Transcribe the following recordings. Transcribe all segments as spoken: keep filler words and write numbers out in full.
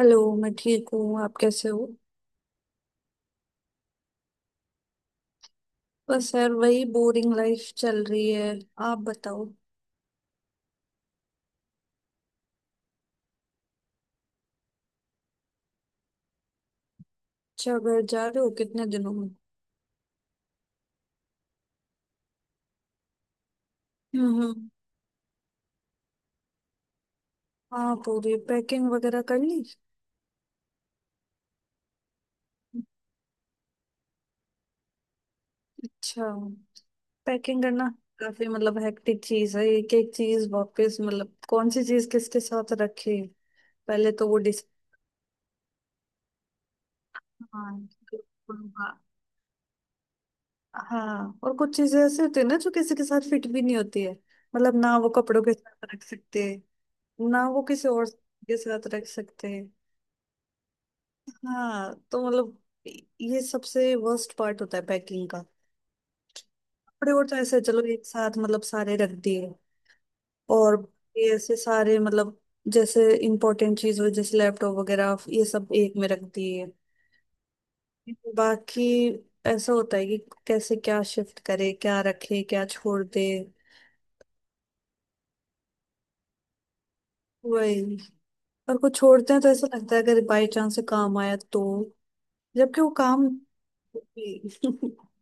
Hello मैं ठीक हूँ। आप कैसे हो? बस यार वही बोरिंग लाइफ चल रही है। आप बताओ। अच्छा, घर जा रहे हो? कितने दिनों में? हम्म हम्म। हाँ, पूरी पैकिंग वगैरह कर ली? अच्छा। पैकिंग करना काफी मतलब हेक्टिक चीज है, एक एक चीज वापस मतलब कौन सी चीज किसके साथ रखे। पहले तो वो डिस। हाँ हाँ, और कुछ चीजें ऐसी होती है ना जो किसी के साथ फिट भी नहीं होती है। मतलब ना वो कपड़ों के साथ रख सकते, ना वो किसी और के साथ रख सकते हैं। हाँ तो मतलब ये सबसे वर्स्ट पार्ट होता है पैकिंग का। कपड़े और तो ऐसे चलो एक साथ मतलब सारे रख दिए। और ये ऐसे सारे मतलब जैसे इम्पोर्टेंट चीज हो, जैसे लैपटॉप वगैरह, ये सब एक में रख दिए। बाकी ऐसा होता है कि कैसे क्या शिफ्ट करे, क्या रखे, क्या छोड़ दे। वही। और कुछ छोड़ते हैं तो ऐसा लगता है अगर बाई चांस से काम आया तो। जबकि वो काम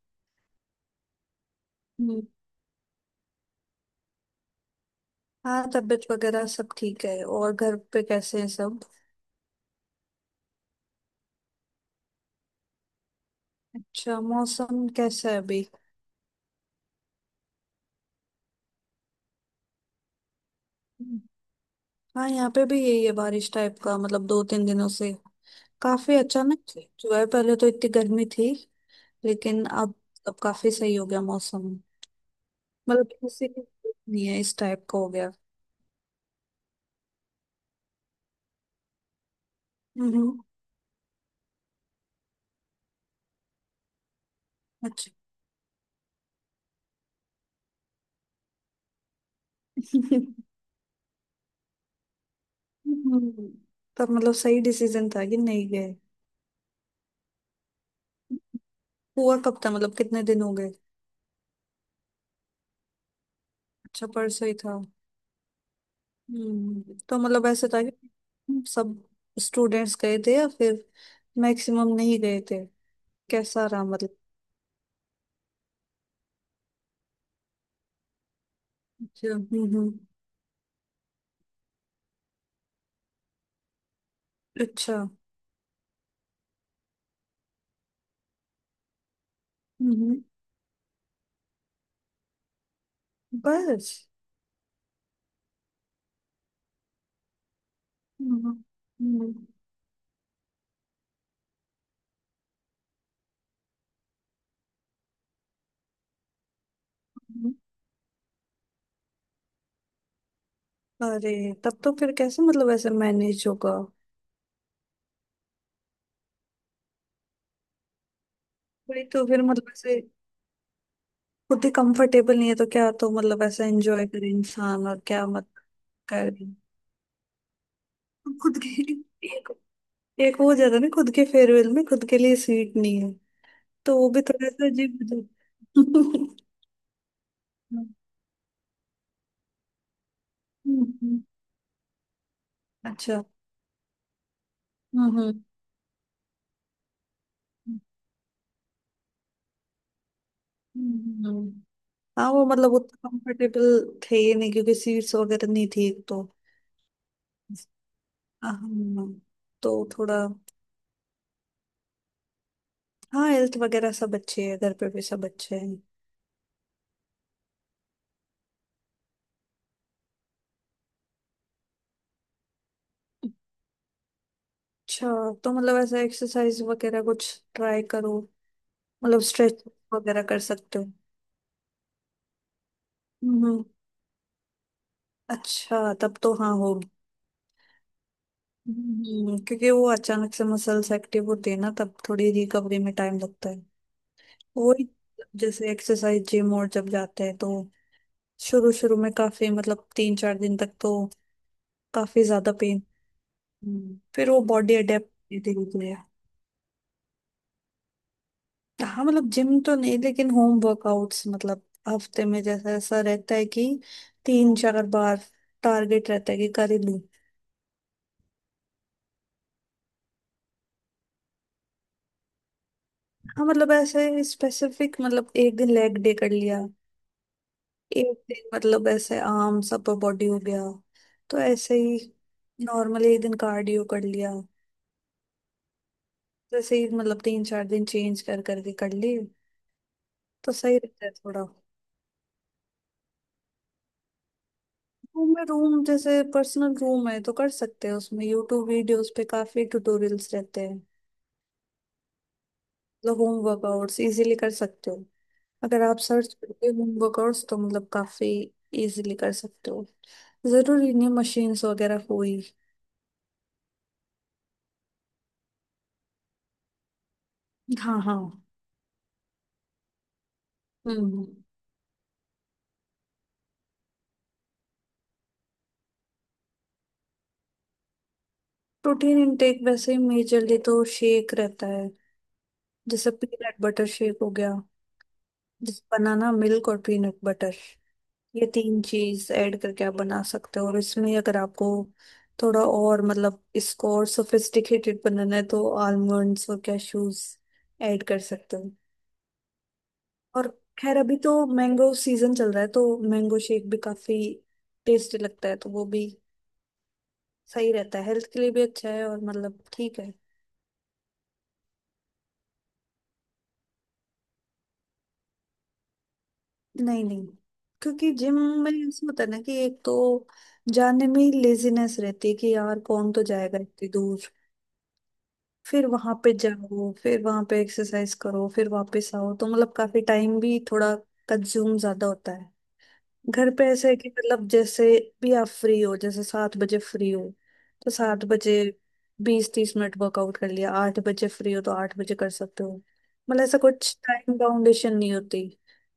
हम्म। हाँ, तबीयत वगैरह सब ठीक है। और घर पे कैसे हैं सब? अच्छा, मौसम कैसा है अभी? हाँ, यहाँ पे भी यही है, बारिश टाइप का। मतलब दो तीन दिनों से काफी अचानक से जो है। पहले तो इतनी गर्मी थी, लेकिन अब अब काफी सही हो गया मौसम। मतलब किसी की जरूरत नहीं है, इस टाइप का हो गया। हम्म। अच्छा। हम्म, तब मतलब सही डिसीजन था कि नहीं गए। हुआ कब था? मतलब कितने दिन हो गए? अच्छा, परसों ही था। हम्म, तो मतलब ऐसे था कि सब स्टूडेंट्स गए थे, या फिर मैक्सिमम नहीं गए थे? कैसा रहा मतलब? अच्छा। हम्म हम्म। अच्छा। हम्म। बस। हम्म हम्म, हम्म। अरे, तब तो फिर कैसे मतलब ऐसे मैनेज होगा? वही तो। फिर मतलब ऐसे खुद ही कंफर्टेबल नहीं है तो क्या तो मतलब ऐसा एंजॉय करे इंसान, और क्या मत करे। खुद के लिए एक, एक वो हो जाता है ना, खुद के फेयरवेल में खुद के लिए सीट नहीं है, तो वो भी थोड़ा सा अजीब हो जाता है। हम्म, अच्छा। हम्म, हम्म, हम्म। हाँ, वो मतलब उतना कंफर्टेबल थे ही नहीं क्योंकि सीट्स वगैरह नहीं थी एक तो। हाँ, तो थोड़ा। हाँ, हेल्थ वगैरह सब अच्छे है, घर पे भी सब अच्छे हैं। अच्छा, तो मतलब ऐसा एक्सरसाइज वगैरह कुछ ट्राई करो। मतलब स्ट्रेच वगैरह कर सकते हो। हम्म। अच्छा, तब तो हाँ, हो। हम्म, क्योंकि वो अचानक से मसल्स एक्टिव होते हैं ना, तब थोड़ी रिकवरी में टाइम लगता है। वही, जैसे एक्सरसाइज जिम और जब जाते हैं तो शुरू शुरू में काफी मतलब तीन चार दिन तक तो काफी ज्यादा पेन। फिर वो बॉडी अडेप्ट धीरे धीरे। हाँ, मतलब जिम तो नहीं लेकिन होम वर्कआउट्स मतलब हफ्ते में जैसा ऐसा रहता है कि तीन चार बार टारगेट रहता है कि कर ही लूं। हाँ, मतलब ऐसे स्पेसिफिक, मतलब एक दिन लेग डे कर लिया, एक दिन मतलब ऐसे आर्म्स अपर बॉडी हो गया, तो ऐसे ही। नॉर्मली एक दिन कार्डियो कर लिया, जैसे ही मतलब तीन चार दिन चेंज कर करके कर लिए तो सही रहता है थोड़ा। रूम में, रूम जैसे पर्सनल रूम है तो कर सकते हैं, उसमें यूट्यूब वीडियोस पे काफी ट्यूटोरियल्स रहते हैं। मतलब होम वर्कआउट्स इजीली कर सकते हो। अगर आप सर्च करते हो होम वर्कआउट्स तो मतलब काफी इजीली कर सकते हो। जरूरी नहीं मशीन्स वगैरह हो ही। हाँ हाँ। हम्म हम्म। प्रोटीन इनटेक वैसे मेजरली तो शेक रहता है, जैसे पीनट बटर शेक हो गया, जैसे बनाना मिल्क और पीनट बटर, ये तीन चीज ऐड करके आप बना सकते हो। और इसमें अगर आपको थोड़ा और मतलब इसको और सोफिस्टिकेटेड बनाना है तो आलमंड्स और कैशूज ऐड कर सकते हो। और खैर अभी तो मैंगो सीजन चल रहा है, तो मैंगो शेक भी काफी टेस्टी लगता है, तो वो भी सही रहता है, हेल्थ के लिए भी अच्छा है, और मतलब ठीक है। नहीं नहीं, क्योंकि जिम में ऐसा होता है ना कि एक तो जाने में ही लेजीनेस रहती है कि यार कौन तो जाएगा इतनी दूर, फिर वहां पे जाओ, फिर वहां पे एक्सरसाइज करो, फिर वापस आओ, तो मतलब काफी टाइम भी थोड़ा कंज्यूम ज्यादा होता है। घर पे ऐसा है कि मतलब जैसे भी आप फ्री हो, जैसे सात बजे फ्री हो तो सात बजे बीस तीस मिनट वर्कआउट कर लिया, आठ बजे फ्री हो तो आठ बजे कर सकते हो। मतलब ऐसा कुछ टाइम बाउंडेशन नहीं होती,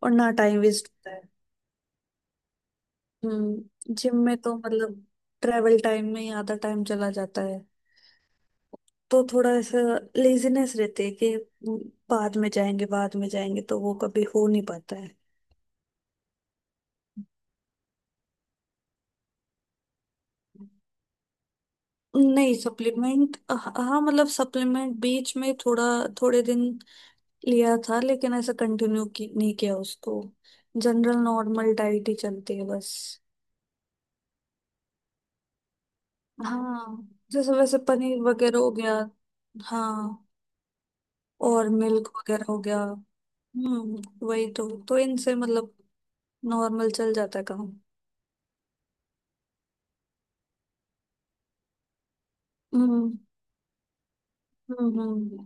और ना टाइम वेस्ट। हम्म, जिम में तो मतलब ट्रेवल टाइम में ही आधा टाइम चला जाता है, तो थोड़ा ऐसा लेजीनेस रहती है कि हम्म, बाद में जाएंगे, बाद में जाएंगे, तो वो कभी हो नहीं पाता है। नहीं, सप्लीमेंट हाँ मतलब सप्लीमेंट बीच में थोड़ा, थोड़े दिन लिया था लेकिन ऐसा कंटिन्यू की, नहीं किया उसको। जनरल नॉर्मल डाइट ही चलती है बस। हाँ, जैसे वैसे पनीर वगैरह हो गया, हाँ, और मिल्क वगैरह हो गया। हम्म, वही तो। तो इनसे मतलब नॉर्मल चल जाता है काम। हम्म हम्म हम्म।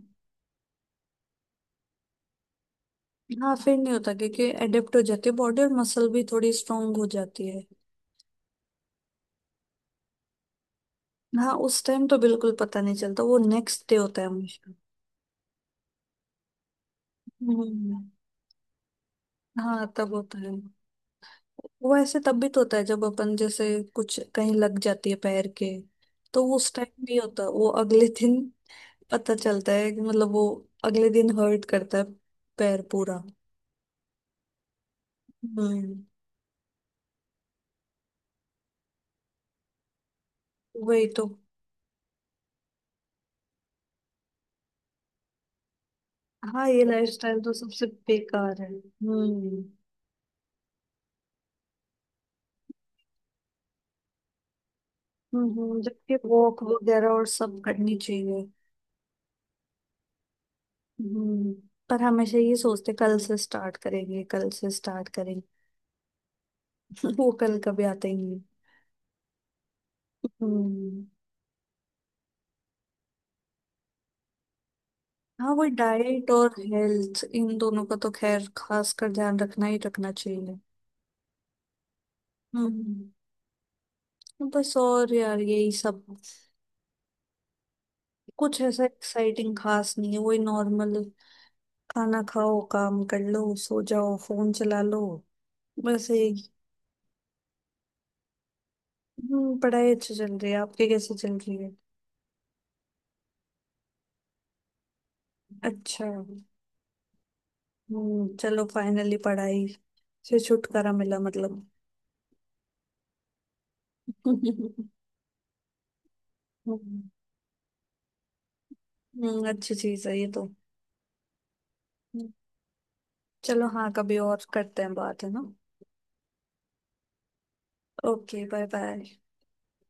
हाँ, फिर नहीं होता क्योंकि एडेप्ट हो जाती है बॉडी, और मसल भी थोड़ी स्ट्रांग हो जाती है। हाँ, उस टाइम तो बिल्कुल पता नहीं चलता, वो नेक्स्ट डे होता है हमेशा। हम्म। हाँ, तब होता है। वो ऐसे तब भी तो होता है जब अपन जैसे कुछ कहीं लग जाती है पैर के, तो वो उस टाइम नहीं होता, वो अगले दिन पता चलता है कि मतलब वो अगले दिन हर्ट करता है, पैर पूरा। हम्म, वही तो। हाँ, ये लाइफस्टाइल तो सबसे बेकार है। हम्म। हम्म, जबकि वॉक वगैरह और सब करनी चाहिए। हम्म, पर हमेशा ये सोचते कल से स्टार्ट करेंगे, कल से स्टार्ट करेंगे। वो कल कभी आते ही नहीं। हम्म। हाँ, वो डाइट और हेल्थ इन दोनों का तो खैर खास कर ध्यान रखना ही रखना चाहिए। हम्म, बस और यार यही सब। कुछ ऐसा एक्साइटिंग खास नहीं है, वही नॉर्मल। खाना खाओ, काम कर लो, सो जाओ, फोन चला लो, बस। एक हम्म, पढ़ाई अच्छी चल रही है। आपकी कैसी चल रही है? अच्छा। हम्म, चलो फाइनली पढ़ाई से छुटकारा मिला मतलब। हम्म। हम्म, अच्छी चीज है ये तो। हम्म, चलो हाँ, कभी और करते हैं बात, है ना? Okay bye bye.